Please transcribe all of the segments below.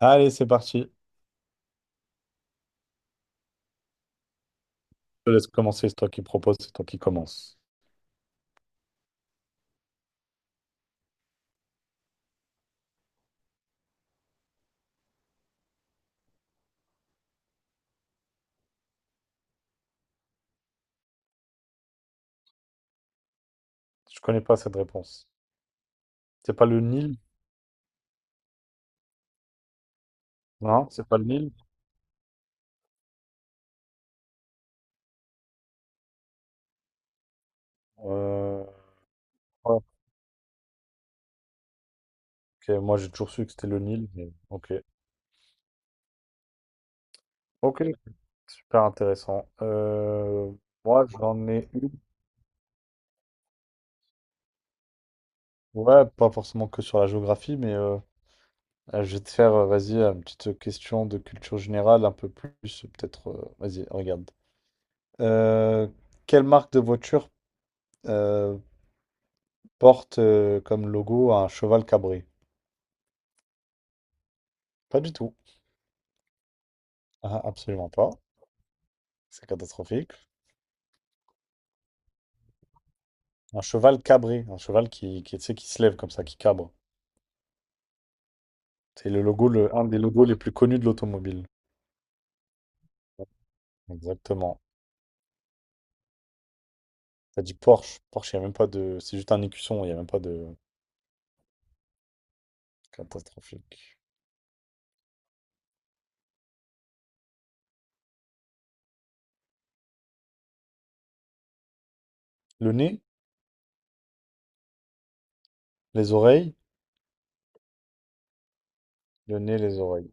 Allez, c'est parti. Je te laisse commencer. C'est toi qui propose, c'est toi qui commence. Je connais pas cette réponse. C'est pas le Nil? Non, c'est pas le Nil. Euh, ouais, ok, moi j'ai toujours su que c'était le Nil, mais ok. Ok, super intéressant. Moi j'en ai une. Ouais, pas forcément que sur la géographie, mais je vais te faire, vas-y, une petite question de culture générale, un peu plus, peut-être. Vas-y, regarde. Euh, Quelle marque de voiture euh, porte comme logo un cheval cabré? Pas du tout. Ah, absolument pas. C'est catastrophique. Un cheval cabré, un cheval qui tu sais, qui se lève comme ça, qui cabre. C'est le logo, le, un des logos les plus connus de l'automobile. Exactement. T'as dit Porsche. Porsche, il n'y a même pas de. C'est juste un écusson, il n'y a même pas de. Catastrophique. Le nez, les oreilles. Le nez, les oreilles.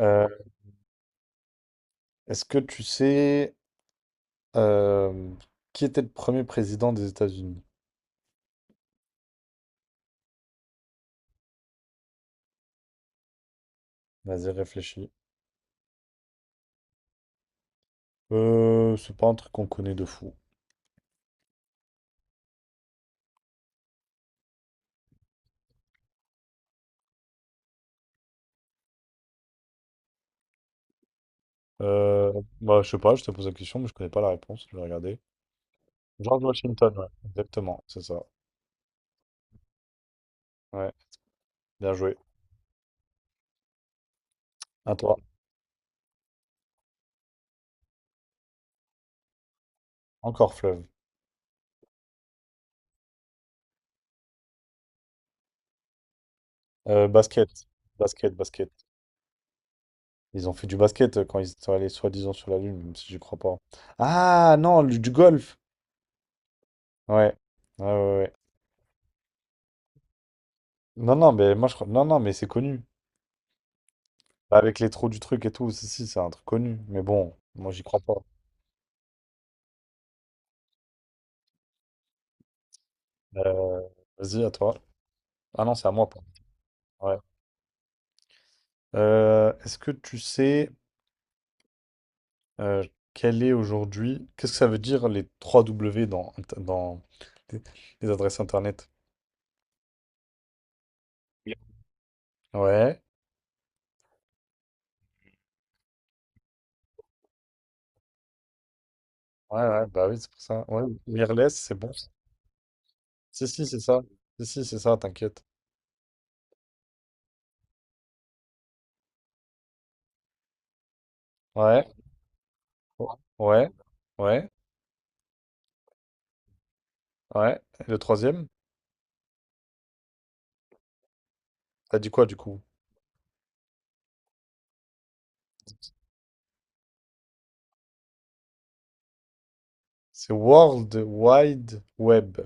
Euh, Est-ce que tu sais euh, qui était le premier président des États-Unis? Vas-y, réfléchis. C'est pas un truc qu'on connaît de fou. Euh, bah, je sais pas, je te pose la question, mais je connais pas la réponse. Je vais regarder. George Washington, ouais. Exactement, c'est ça. Ouais, bien joué. À toi. Encore fleuve. Basket. Basket, basket. Ils ont fait du basket quand ils sont allés soi-disant sur la Lune, même si j'y crois pas. Ah non, du golf. Ouais. Ouais, ouais, ouais. Non, non, mais moi je crois. Non, non, mais c'est connu. Bah, avec les trous du truc et tout, si, si, c'est un truc connu. Mais bon, moi j'y crois pas. Euh, Vas-y, à toi. Ah non, c'est à moi, pardon. Ouais. Est-ce que tu sais. Euh, Quel est aujourd'hui, qu'est-ce que ça veut dire les 3 W dans les, les adresses internet? Ouais, ouais, ouais, bah oui, c'est pour ça. Ouais, wireless, c'est bon. Si, si, c'est ça. Si, si, c'est ça, t'inquiète. Ouais, ouais, ouais, ouais. Et le troisième, t'as dit quoi du coup? C'est World Wide Web.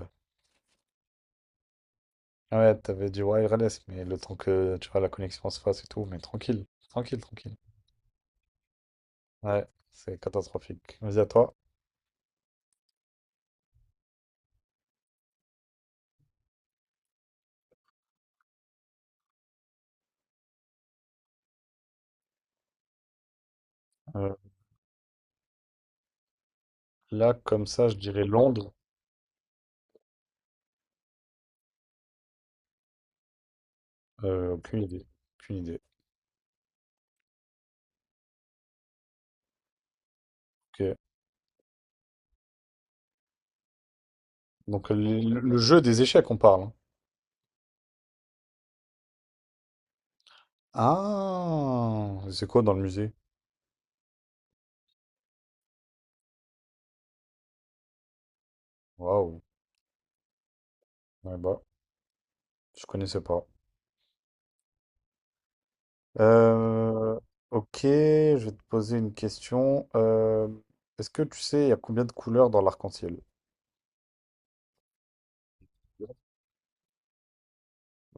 Ouais, t'avais dit wireless, mais le temps que tu vois la connexion se fasse et tout, mais tranquille, tranquille, tranquille. Ouais, c'est catastrophique. Vas-y à toi. Euh, là, comme ça, je dirais Londres. Aucune idée. Aucune idée. Ok. Donc le, Jeu des échecs, on parle, hein. Ah, c'est quoi dans le musée? Waouh. Ouais, bah, je connaissais pas. Euh, ok, je vais te poser une question. Est-ce que tu sais, il y a combien de couleurs dans l'arc-en-ciel?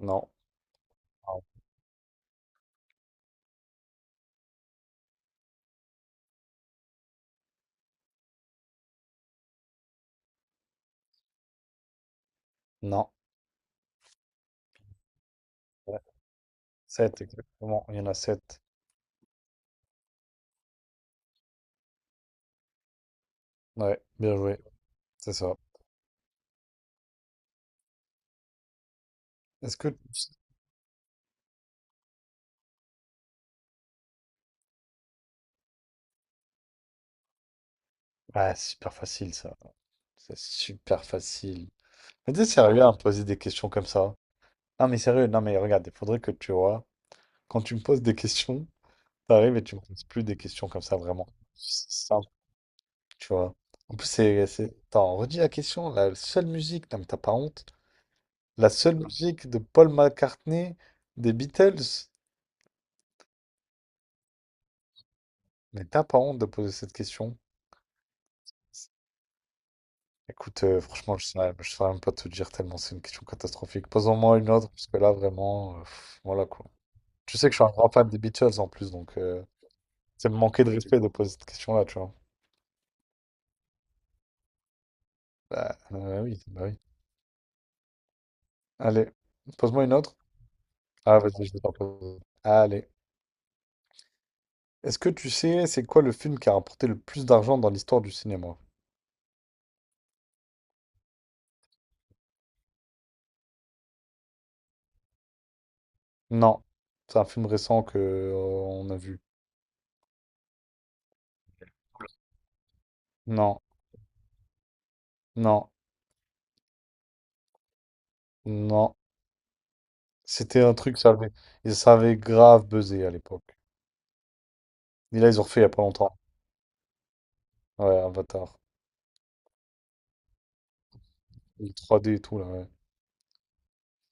Non. Non. Non. Ouais. Sept, exactement. Il y en a sept. Ouais, bien joué. C'est ça. Est-ce que... Ah, super facile ça. C'est super facile. Mais t'es sérieux à me poser des questions comme ça? Non mais sérieux, non mais regarde, il faudrait que tu vois, quand tu me poses des questions, t'arrives et tu me poses plus des questions comme ça vraiment. C'est simple, tu vois. En plus, c'est... Attends, redis la question, la seule musique, non mais t'as pas honte, la seule musique de Paul McCartney des Beatles, mais t'as pas honte de poser cette question. Écoute, franchement, je saurais même pas te dire tellement c'est une question catastrophique. Pose-en-moi une autre, parce que là, vraiment, pff, voilà quoi. Tu sais que je suis un grand fan des Beatles en plus, donc c'est me manquer de respect de poser cette question-là, tu vois. Ah, ah oui, bah oui. Allez, pose-moi une autre. Ah, vas-y, je vais t'en poser. Allez. Est-ce que tu sais c'est quoi le film qui a rapporté le plus d'argent dans l'histoire du cinéma? Non. C'est un film récent que on a vu. Non, non, non. C'était un truc, et ça avait grave buzzé à l'époque. Et là, ils ont refait il y a pas longtemps. Ouais, Avatar. Le 3D et tout, là, ouais.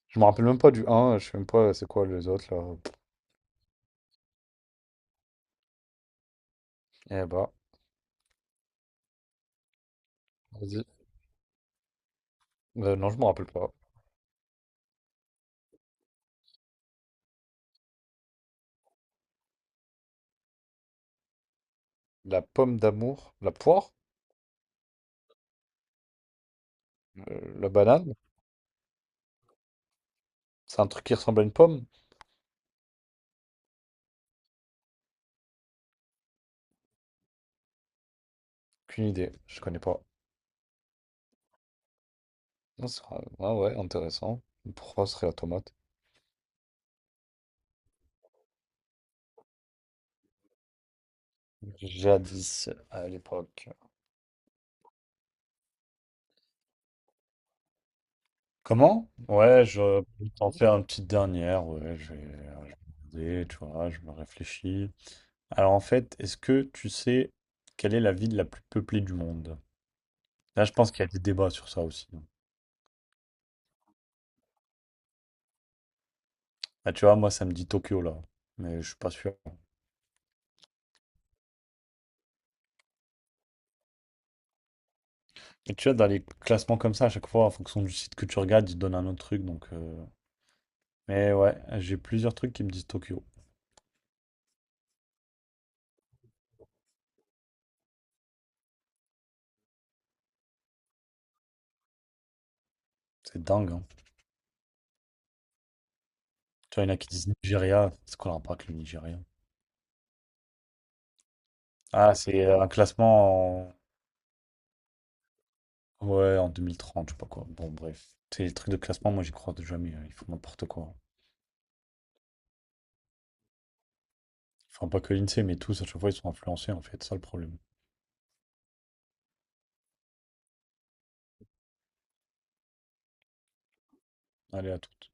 Je me rappelle même pas du un je sais même pas c'est quoi les autres, là. Eh bah, vas-y. Non, je me rappelle pas. La pomme d'amour, la poire, la banane. C'est un truc qui ressemble à une pomme? Aucune idée, je connais pas. Non, c'est vrai. Ah ouais, intéressant. Pourquoi ce serait la tomate? Jadis, à l'époque. Comment? Ouais, je peux t'en faire une petite dernière. Ouais, je vais regarder, tu vois, je me réfléchis. Alors en fait, est-ce que tu sais quelle est la ville la plus peuplée du monde? Là, je pense qu'il y a des débats sur ça aussi. Là, tu vois, moi, ça me dit Tokyo, là. Mais je suis pas sûr. Et tu vois, dans les classements comme ça, à chaque fois, en fonction du site que tu regardes, ils te donnent un autre truc. Donc, mais ouais, j'ai plusieurs trucs qui me disent Tokyo. C'est dingue, hein. Tu vois, il y en a qui disent Nigeria. C'est quoi le rapport avec le Nigeria? Ah, c'est un classement en... Ouais, en 2030, je sais pas quoi. Bon, bref. C'est les trucs de classement, moi, j'y crois jamais, hein. Ils font n'importe quoi. Enfin, pas que l'INSEE, mais tous, à chaque fois, ils sont influencés, en fait. C'est ça, le problème. Allez, à toutes.